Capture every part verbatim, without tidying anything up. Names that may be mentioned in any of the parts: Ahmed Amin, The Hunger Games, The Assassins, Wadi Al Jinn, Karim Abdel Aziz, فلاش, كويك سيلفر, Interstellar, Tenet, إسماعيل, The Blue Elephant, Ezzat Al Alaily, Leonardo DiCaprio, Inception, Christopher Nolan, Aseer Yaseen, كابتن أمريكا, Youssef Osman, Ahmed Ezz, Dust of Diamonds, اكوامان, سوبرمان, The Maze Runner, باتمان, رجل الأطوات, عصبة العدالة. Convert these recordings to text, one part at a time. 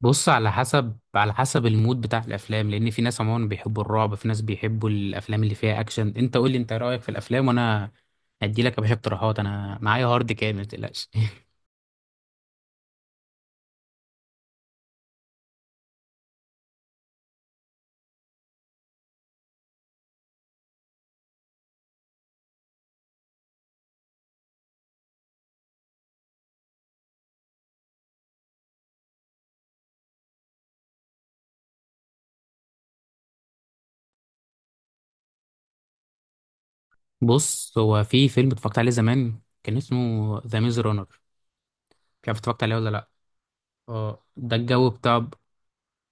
بص، على حسب على حسب المود بتاع الافلام. لان في ناس عموما بيحبوا الرعب، في ناس بيحبوا الافلام اللي فيها اكشن. انت قول لي انت رايك في الافلام وانا هدي لك يا باشا اقتراحات. انا معايا هارد كامل ما تقلقش. بص، هو في فيلم اتفرجت عليه زمان كان اسمه ذا ميز رانر. مش عارف اتفرجت عليه ولا لا. اه ده الجو بتاع.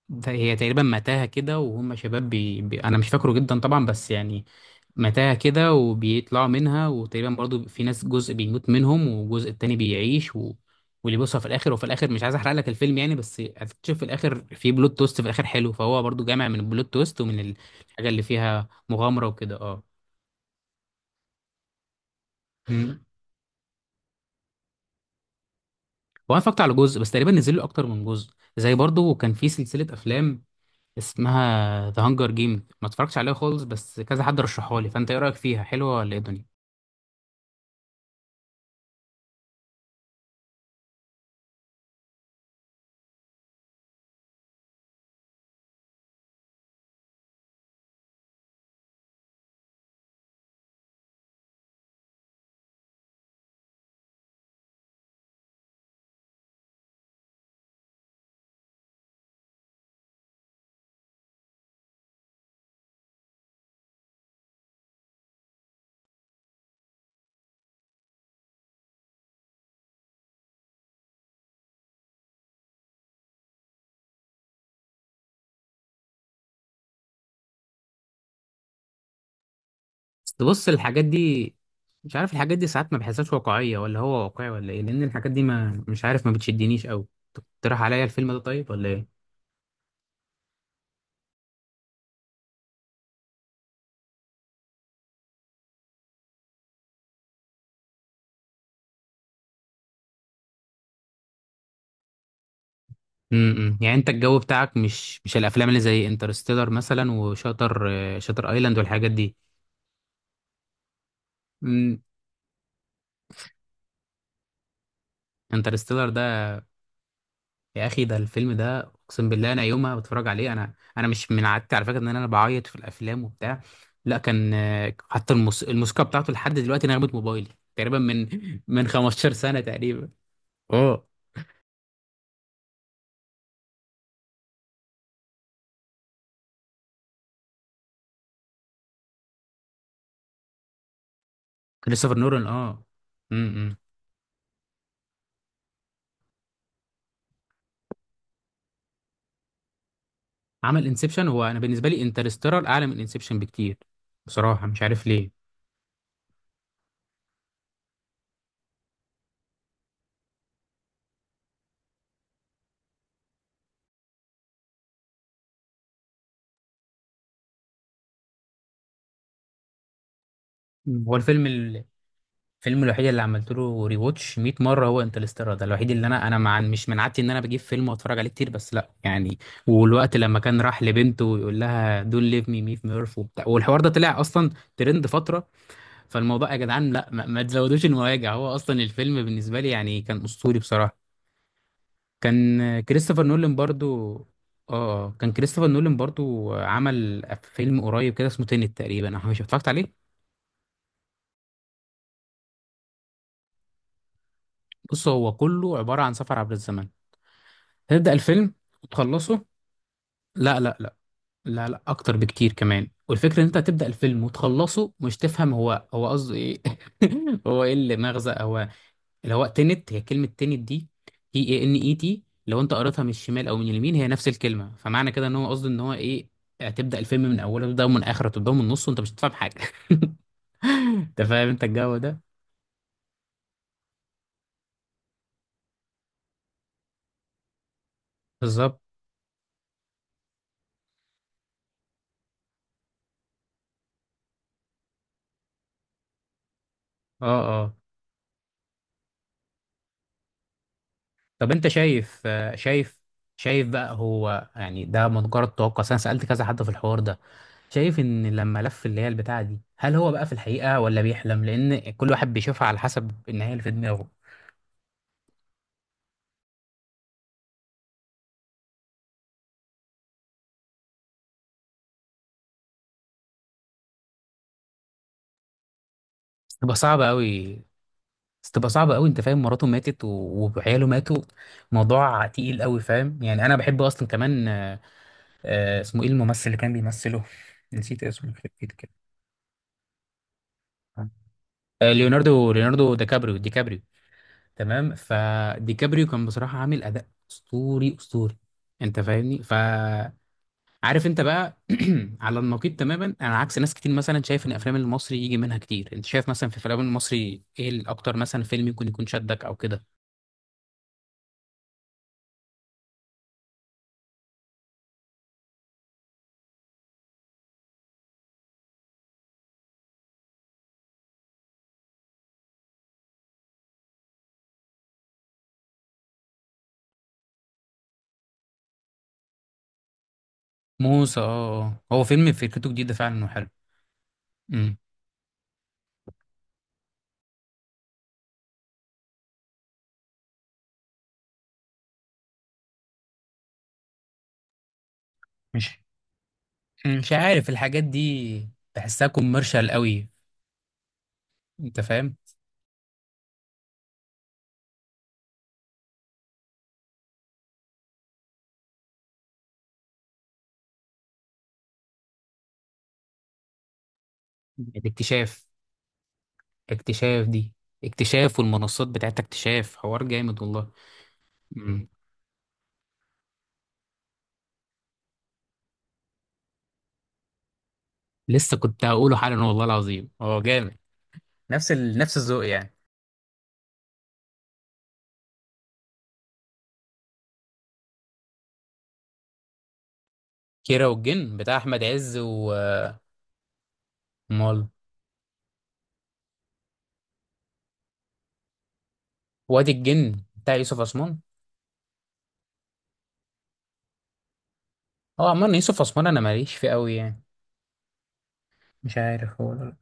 ده هي تقريبا متاهه كده، وهم شباب بي... بي... انا مش فاكره جدا طبعا بس يعني متاهة كده، وبيطلعوا منها، وتقريبا برضو في ناس جزء بيموت منهم والجزء التاني بيعيش و... واللي بيوصل في الاخر. وفي الاخر مش عايز احرق لك الفيلم يعني، بس هتكتشف في الاخر في بلوت تويست في الاخر حلو. فهو برضو جامع من البلوت تويست ومن ال- الحاجة اللي فيها مغامرة وكده، اه. مم. وانا اتفرجت على جزء بس، تقريبا نزل له اكتر من جزء. زي برضو كان في سلسلة افلام اسمها ذا هانجر جيم، ما اتفرجتش عليها خالص بس كذا حد رشحها لي. فانت ايه رايك فيها؟ حلوة ولا ايه الدنيا؟ بس بص، الحاجات دي مش عارف، الحاجات دي ساعات ما بحسهاش واقعية، ولا هو واقعي ولا ايه؟ لان الحاجات دي ما مش عارف، ما بتشدنيش قوي. تقترح عليا الفيلم ده طيب ولا ايه؟ امم، يعني انت الجو بتاعك مش مش الافلام اللي زي انترستيلر مثلا، وشاتر شاتر ايلاند والحاجات دي؟ امم. انترستيلر ده يا اخي، ده الفيلم ده. اقسم بالله انا يوم ما بتفرج عليه، انا انا مش من عادتي على فكرة ان انا بعيط في الافلام وبتاع، لا. كان آه، حتى الموس... الموسيقى بتاعته لحد دلوقتي نغمة موبايلي. تقريبا من من خمستاشر سنة تقريبا. اه، كريستوفر نولان اه. امم. عمل انسبشن، هو انا بالنسبه لي انترستيلر اعلى من انسبشن بكتير، بصراحه مش عارف ليه. مم. هو الفيلم ال- الفيلم الوحيد اللي عملت له ري واتش مئة مره هو انترستيلر. ده الوحيد اللي انا انا مع مش من عادتي ان انا بجيب فيلم واتفرج عليه كتير، بس لا يعني. والوقت لما كان راح لبنته ويقول لها دون ليف مي مي في ميرف وبتاع، والحوار ده طلع اصلا ترند فتره. فالموضوع يا جدعان لا، ما, ما تزودوش المواجع. هو اصلا الفيلم بالنسبه لي يعني كان اسطوري بصراحه. كان كريستوفر نولان برضو، اه. كان كريستوفر نولان برضو عمل فيلم قريب كده اسمه تينت تقريبا، انا مش اتفرجت عليه. بص، هو كله عبارة عن سفر عبر الزمن. تبدأ الفيلم وتخلصه، لا لا لا لا لا اكتر بكتير كمان. والفكرة ان انت هتبدأ الفيلم وتخلصه مش تفهم هو هو قصده ايه. هو ايه اللي مغزى هو، اللي هو تنت. هي كلمة تنت دي تي اي ان اي تي، لو انت قريتها من الشمال او من اليمين هي نفس الكلمة. فمعنى كده ان هو قصده ان هو ايه، هتبدأ الفيلم من اوله، تبدأ من اخره، تبدأ من النص، وانت مش هتفهم حاجة. انت فاهم انت الجو ده؟ بالظبط. اه اه. طب انت شايف آه، شايف شايف بقى، هو يعني ده مجرد توقع، أصل انا سألت كذا حد في الحوار ده. شايف ان لما لف اللي هي البتاعة دي، هل هو بقى في الحقيقة ولا بيحلم؟ لان كل واحد بيشوفها على حسب النهاية اللي في دماغه. تبقى صعبة قوي. بس تبقى صعبة قوي، انت فاهم مراته ماتت و- وعياله ماتوا. موضوع تقيل قوي، فاهم يعني. انا بحب اصلا كمان آه، آه، اسمه ايه الممثل اللي كان بيمثله؟ نسيت اسمه، يخرب بيت كده. آه، ليوناردو، ليوناردو ديكابريو ديكابريو. تمام، فديكابريو كان بصراحة عامل أداء أسطوري أسطوري. أنت فاهمني، فعارف أنت بقى. على النقيض تماما، أنا عكس ناس كتير مثلا شايف إن أفلام المصري يجي منها كتير. أنت شايف مثلا في أفلام المصري إيه الأكتر؟ مثلا فيلم يكون يكون شدك أو كده. موسى، اه اه، هو فيلم فكرته جديدة فعلا وحلو. امم. مش مش عارف الحاجات دي، بحسها كوميرشال قوي. انت فاهم. الاكتشاف، اكتشاف دي. اكتشاف والمنصات بتاعت اكتشاف حوار جامد والله. امم. لسه كنت هقوله حالا، والله العظيم هو جامد. نفس ال... نفس الذوق يعني. كيرة والجن، بتاع احمد عز و مال. وادي الجن بتاع يوسف عثمان. اه، عمال يوسف عثمان انا ماليش فيه قوي يعني. مش عارف هو ولا لا.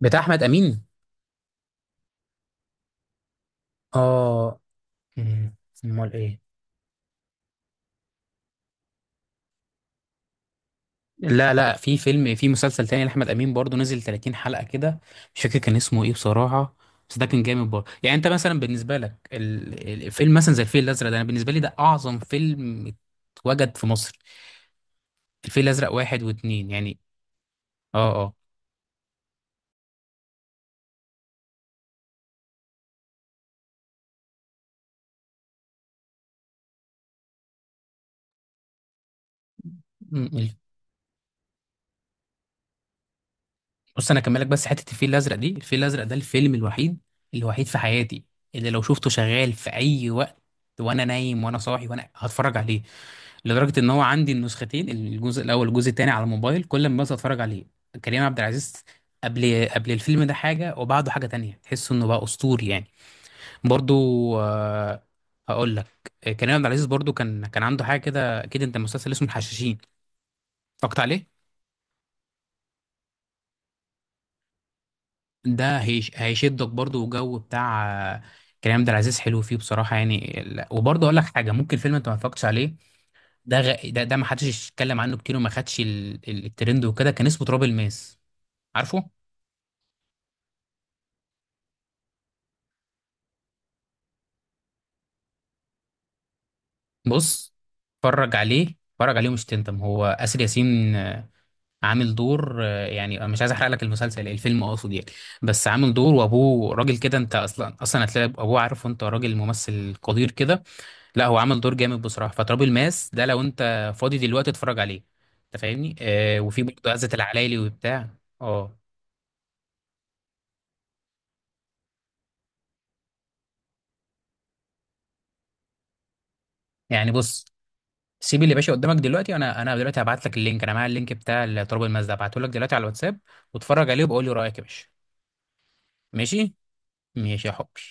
بتاع احمد امين؟ اه. مم. امال ايه؟ لا لا، في فيلم، في مسلسل تاني لاحمد امين برضو نزل تلاتين حلقه كده، مش فاكر كان اسمه ايه بصراحه. بس ده كان جامد برضه يعني. انت مثلا بالنسبه لك ال- الفيلم مثلا زي الفيل الازرق ده، انا بالنسبه لي ده اعظم فيلم اتوجد في مصر. الفيل الازرق واحد واتنين يعني. اه اه. مم. ال- بص، انا اكملك بس حته الفيل الازرق دي. الفيل الازرق ده الفيلم الوحيد، الوحيد في حياتي، اللي لو شفته شغال في اي وقت، وانا نايم وانا صاحي، وانا هتفرج عليه. لدرجه ان هو عندي النسختين، الجزء الاول والجزء الثاني على الموبايل، كل ما بس اتفرج عليه. كريم عبد العزيز قبل قبل الفيلم ده حاجه وبعده حاجه تانية، تحس انه بقى اسطوري يعني. برضو، آه، هقول لك. كريم عبد العزيز برضو كان كان عنده حاجه كده. اكيد انت مسلسل اسمه الحشاشين اتفرجت عليه. ده هيش هيشدك برضو، والجو بتاع آه، كريم عبد العزيز حلو فيه بصراحه يعني. لا- وبرضو اقول لك حاجه، ممكن فيلم انت ما اتفرجتش عليه. ده غ... ده, ده ما حدش اتكلم عنه كتير، وما خدش ال... ال- الترند وكده، كان اسمه تراب الماس، عارفه؟ بص، اتفرج عليه اتفرج عليه ومش تندم. هو آسر ياسين آه، عامل دور، آه، يعني أنا مش عايز احرق لك المسلسل، الفيلم اقصد يعني، بس عامل دور وابوه راجل كده. انت اصلا اصلا هتلاقي ابوه عارف، وانت راجل ممثل قدير كده. لا هو عامل دور جامد بصراحه. فتراب الماس ده لو انت فاضي دلوقتي اتفرج عليه، انت فاهمني. آه، وفي برضه عزت العلايلي وبتاع. اه، يعني بص، سيب اللي باشا قدامك دلوقتي. انا انا دلوقتي هبعت لك اللينك، انا معايا اللينك بتاع تراب الماس ده، هبعته لك دلوقتي على الواتساب. واتفرج عليه وبقول لي رايك يا باشا. ماشي، ماشي يا حبي.